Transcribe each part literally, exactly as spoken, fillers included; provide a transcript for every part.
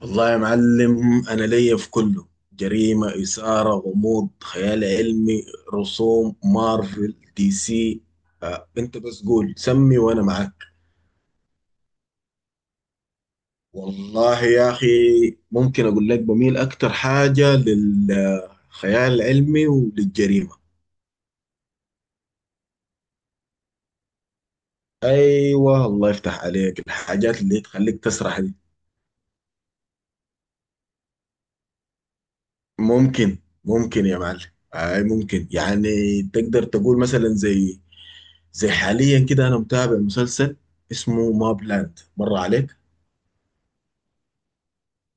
والله يا معلم، أنا ليا في كله. جريمة، إثارة، غموض، خيال علمي، رسوم، مارفل، دي سي. آه، أنت بس قول سمي وأنا معك. والله يا أخي، ممكن أقول لك بميل أكتر حاجة للخيال العلمي وللجريمة. أيوة، الله يفتح عليك. الحاجات اللي تخليك تسرح دي. ممكن ممكن يا معلم. آه ممكن، يعني تقدر تقول مثلا زي زي حاليا كده انا متابع مسلسل اسمه ماب لاند، مر عليك؟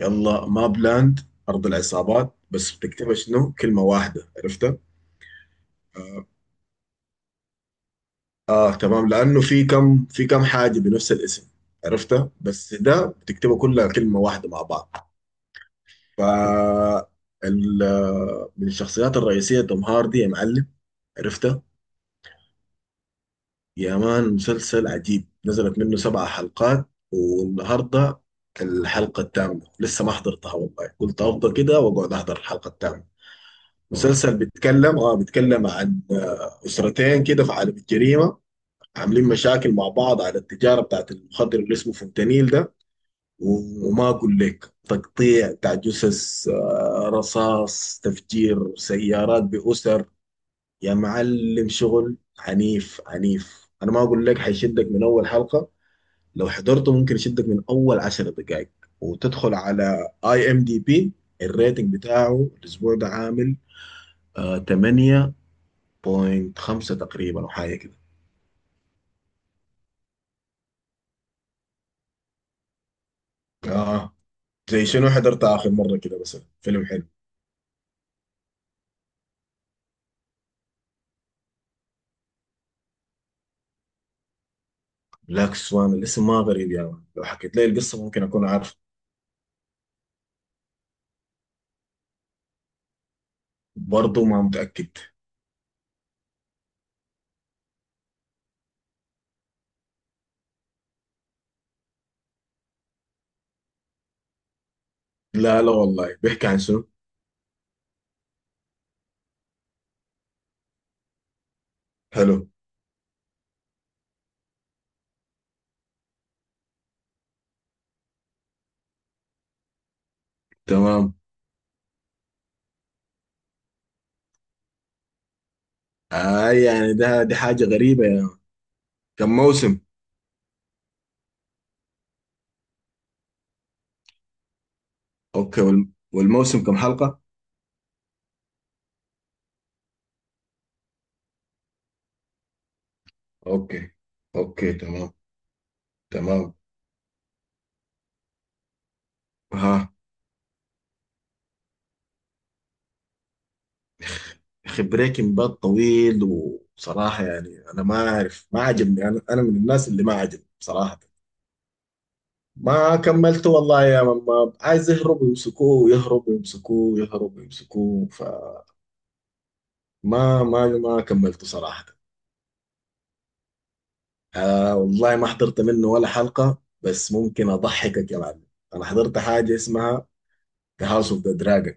يلا، ماب لاند، ارض العصابات، بس بتكتبها شنو؟ كلمه واحده، عرفتها؟ اه تمام، لانه في كم في كم حاجه بنفس الاسم. عرفتها؟ بس ده بتكتبها كلها كلمه واحده مع بعض. ف ال- من الشخصيات الرئيسيه توم هاردي يا معلم. عرفتها؟ يا مان، مسلسل عجيب، نزلت منه سبع حلقات. والنهارده الحلقة التامة لسه ما حضرتها والله، قلت أفضل كده وأقعد أحضر الحلقة التامة. مسلسل بيتكلم آه بيتكلم عن آه، أسرتين كده في عالم الجريمة. عاملين مشاكل مع بعض على التجارة بتاعت المخدر اللي اسمه فنتانيل ده. و- وما أقول لك، تقطيع بتاع جثث، آه، رصاص، تفجير سيارات بأسر. يا معلم شغل عنيف عنيف، انا ما اقول لك حيشدك من اول حلقة. لو حضرته ممكن يشدك من اول عشر دقائق. وتدخل على اي ام دي بي، الريتنج بتاعه الاسبوع ده عامل آه تمانية فاصلة خمسة تقريبا او حاجة كده. اه، زي شنو حضرت اخر مرة كده مثلا؟ فيلم حلو. بلاك سوان، الاسم ما غريب يا مان، لو حكيت لي القصة ممكن اكون عارف. برضه ما متأكد. لا لا والله، بيحكي عن شنو؟ حلو. تمام. آه يعني ده دي حاجة غريبة. كم موسم؟ اوكي، وال- والموسم كم حلقة؟ اوكي. اوكي تمام. تمام. ها؟ اخي بريكنج باد طويل وصراحة يعني انا ما اعرف، ما عجبني، انا انا من الناس اللي ما عجبني بصراحة. ما كملته والله يا ماما، عايز يهرب ويمسكوه، ويهرب ويمسكوه، ويهرب ويمسكوه، فما… ما ما كملته صراحة. آه والله ما حضرت منه ولا حلقة، بس ممكن اضحكك يا معلم. انا حضرت حاجة اسمها The House of the Dragon.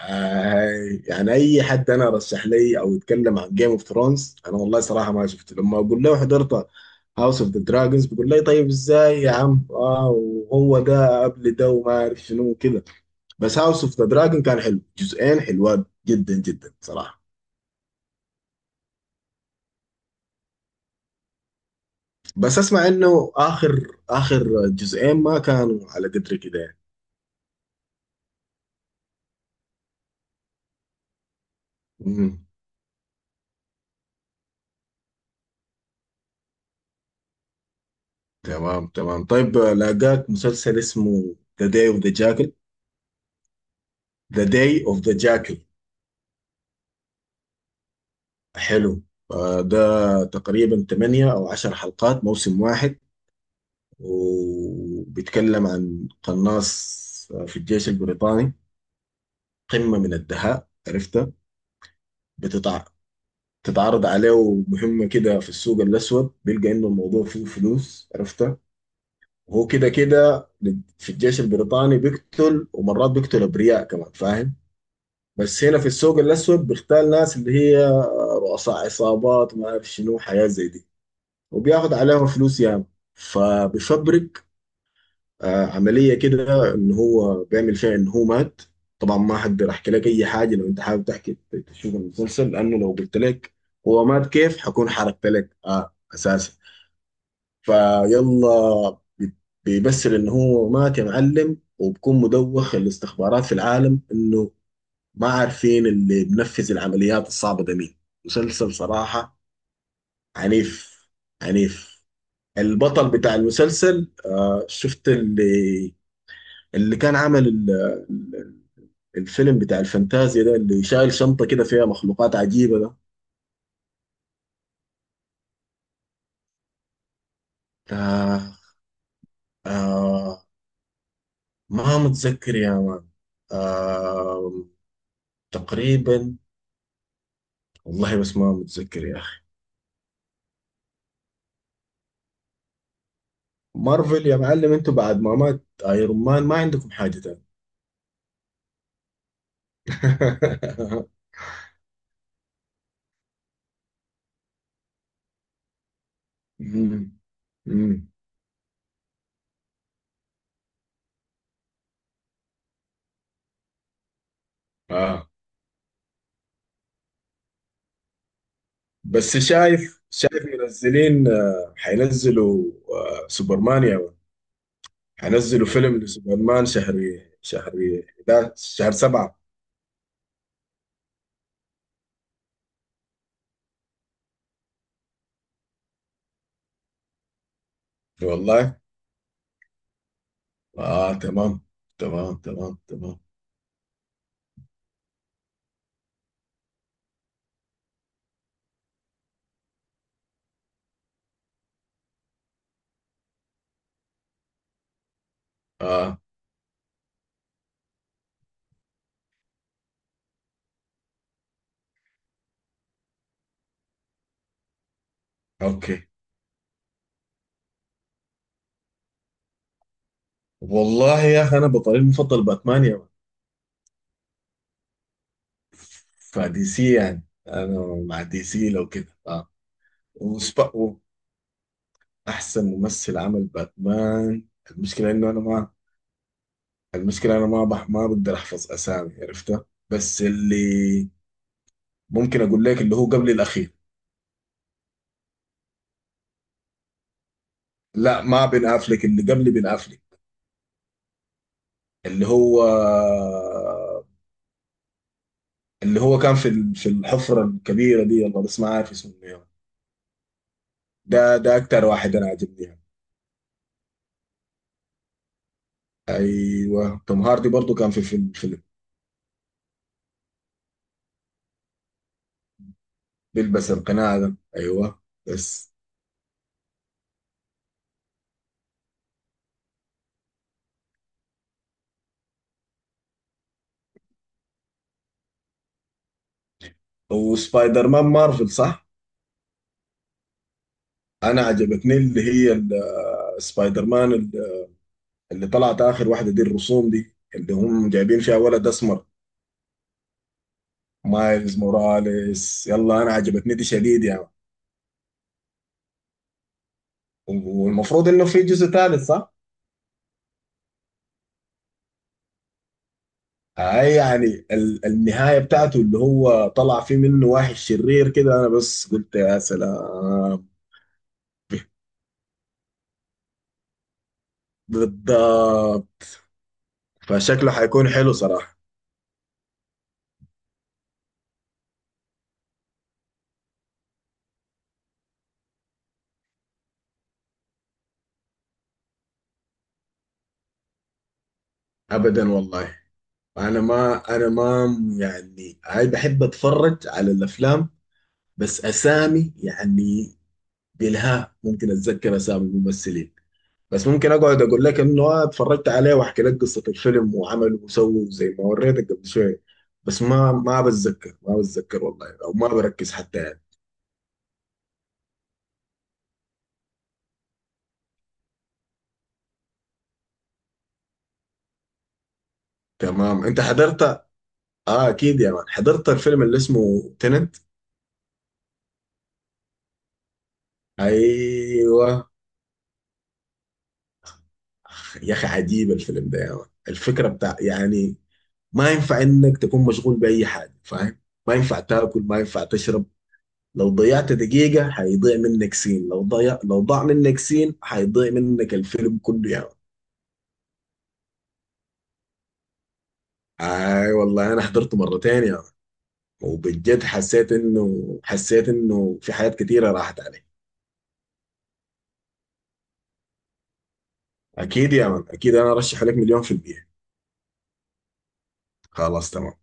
آه يعني اي حد انا رشح لي او يتكلم عن جيم اوف ثرونز، انا والله صراحه ما شفته، لما اقول له حضرت هاوس اوف ذا دراجونز بيقول لي طيب ازاي يا عم؟ اه وهو ده قبل ده وما عارف شنو كده. بس هاوس اوف ذا دراجون كان حلو، جزئين حلوات جدا جدا صراحه. بس اسمع انه اخر اخر جزئين ما كانوا على قدر كده يعني. مم. تمام. تمام. طيب، آه، لاقاك مسلسل اسمه ذا داي اوف ذا جاكل. ذا داي اوف ذا جاكل. حلو. فده تقريبا تمانية أو عشر حلقات، موسم واحد. وبيتكلم عن قناص في الجيش البريطاني، قمة من الدهاء، عرفتها؟ بتتع... بتتعرض عليه مهمة كده في السوق الأسود، بيلقى إنه الموضوع فيه فلوس، عرفتها؟ وهو كده كده في الجيش البريطاني بيقتل، ومرات بيقتل أبرياء كمان، فاهم؟ بس هنا في السوق الأسود بيختال ناس اللي هي رؤساء عصابات وما أعرف شنو، حياة زي دي. وبياخد عليها فلوس يعني. فبيفبرك آه، عملية كده إن هو بيعمل فيها إن هو مات. طبعا ما هقدر أحكي لك أي حاجة لو أنت حابب تحكي تشوف المسلسل، لأنه لو قلت لك هو مات كيف حكون حرقت لك آه أساسا. فيلا بي- بيمثل إن هو مات يا معلم، وبكون مدوخ الاستخبارات في العالم إنه ما عارفين اللي بنفذ العمليات الصعبة ده مين. مسلسل صراحة عنيف عنيف. البطل بتاع المسلسل، آه شفت اللي اللي كان عمل ال- ال- الفيلم بتاع الفانتازيا ده اللي شايل شنطة كده فيها مخلوقات عجيبة ده؟ آه آه ما متذكر يا مان. آه تقريبا. والله بس ما متذكر يا أخي. مارفل يا معلم، انتوا بعد ما مات ايرون مان ما عندكم حاجة تاني. مم. مم. آه بس شايف شايف منزلين، آه، حينزلوا، آه، سوبرمان يا مان. حينزلوا فيلم لسوبرمان شهر شهر حداشر، شهر سبعة. والله. اه تمام تمام تمام تمام. اه اوكي. والله يا اخي، انا بطلي المفضل باتمان يا مان. فدي سي يعني انا مع دي سي لو كده، اه. وسبقوا. احسن ممثل عمل باتمان. المشكله انه انا ما المشكلة أنا ما بح ما بقدر أحفظ أسامي، عرفتها؟ بس اللي ممكن أقول لك اللي هو قبل الأخير. لا ما بن أفلك، اللي قبل بن أفلك. اللي هو اللي هو كان في ال- في الحفرة الكبيرة دي والله، بس ما عارف اسمه يعني. ده ده أكتر واحد أنا عاجبني يعني. أيوه، توم هاردي برضو كان في فيلم فيلم بيلبس القناع ده، أيوه. بس. وسبايدر مان مارفل صح؟ أنا عجبتني اللي هي ال- آه، سبايدر مان اللي طلعت اخر واحده دي، الرسوم دي اللي هم جايبين فيها ولد اسمر. مايلز موراليس، يلا انا عجبتني دي شديد يعني. والمفروض انه في جزء ثالث صح؟ هاي يعني ال- النهايه بتاعته اللي هو طلع فيه منه واحد شرير كده، انا بس قلت يا سلام. بالضبط. فشكله حيكون حلو صراحه. ابدا والله. انا ما انا ما يعني، هاي بحب اتفرج على الافلام. بس اسامي يعني بالها، ممكن اتذكر اسامي الممثلين. بس ممكن اقعد اقول لك انه آه اتفرجت عليه واحكي لك قصه الفيلم وعمله وسوى زي ما وريتك قبل شويه. بس ما ما بتذكر، ما بتذكر والله، او ما بركز حتى يعني. تمام. انت حضرت؟ اه اكيد يا مان، حضرت الفيلم اللي اسمه تننت. ايوه. أخ، يا اخي عجيب الفيلم ده يا مان، الفكره بتاع يعني ما ينفع انك تكون مشغول باي حاجه، فاهم؟ ما ينفع تاكل، ما ينفع تشرب. لو ضيعت دقيقة هيضيع منك سين، لو ضيع لو ضاع منك سين هيضيع منك الفيلم كله يا مان. اي والله، انا حضرته مرتين يا مان. وبجد حسيت انه حسيت انه في حاجات كتيرة راحت علي. اكيد يا مان، اكيد، انا ارشح لك مليون في المية. خلاص تمام.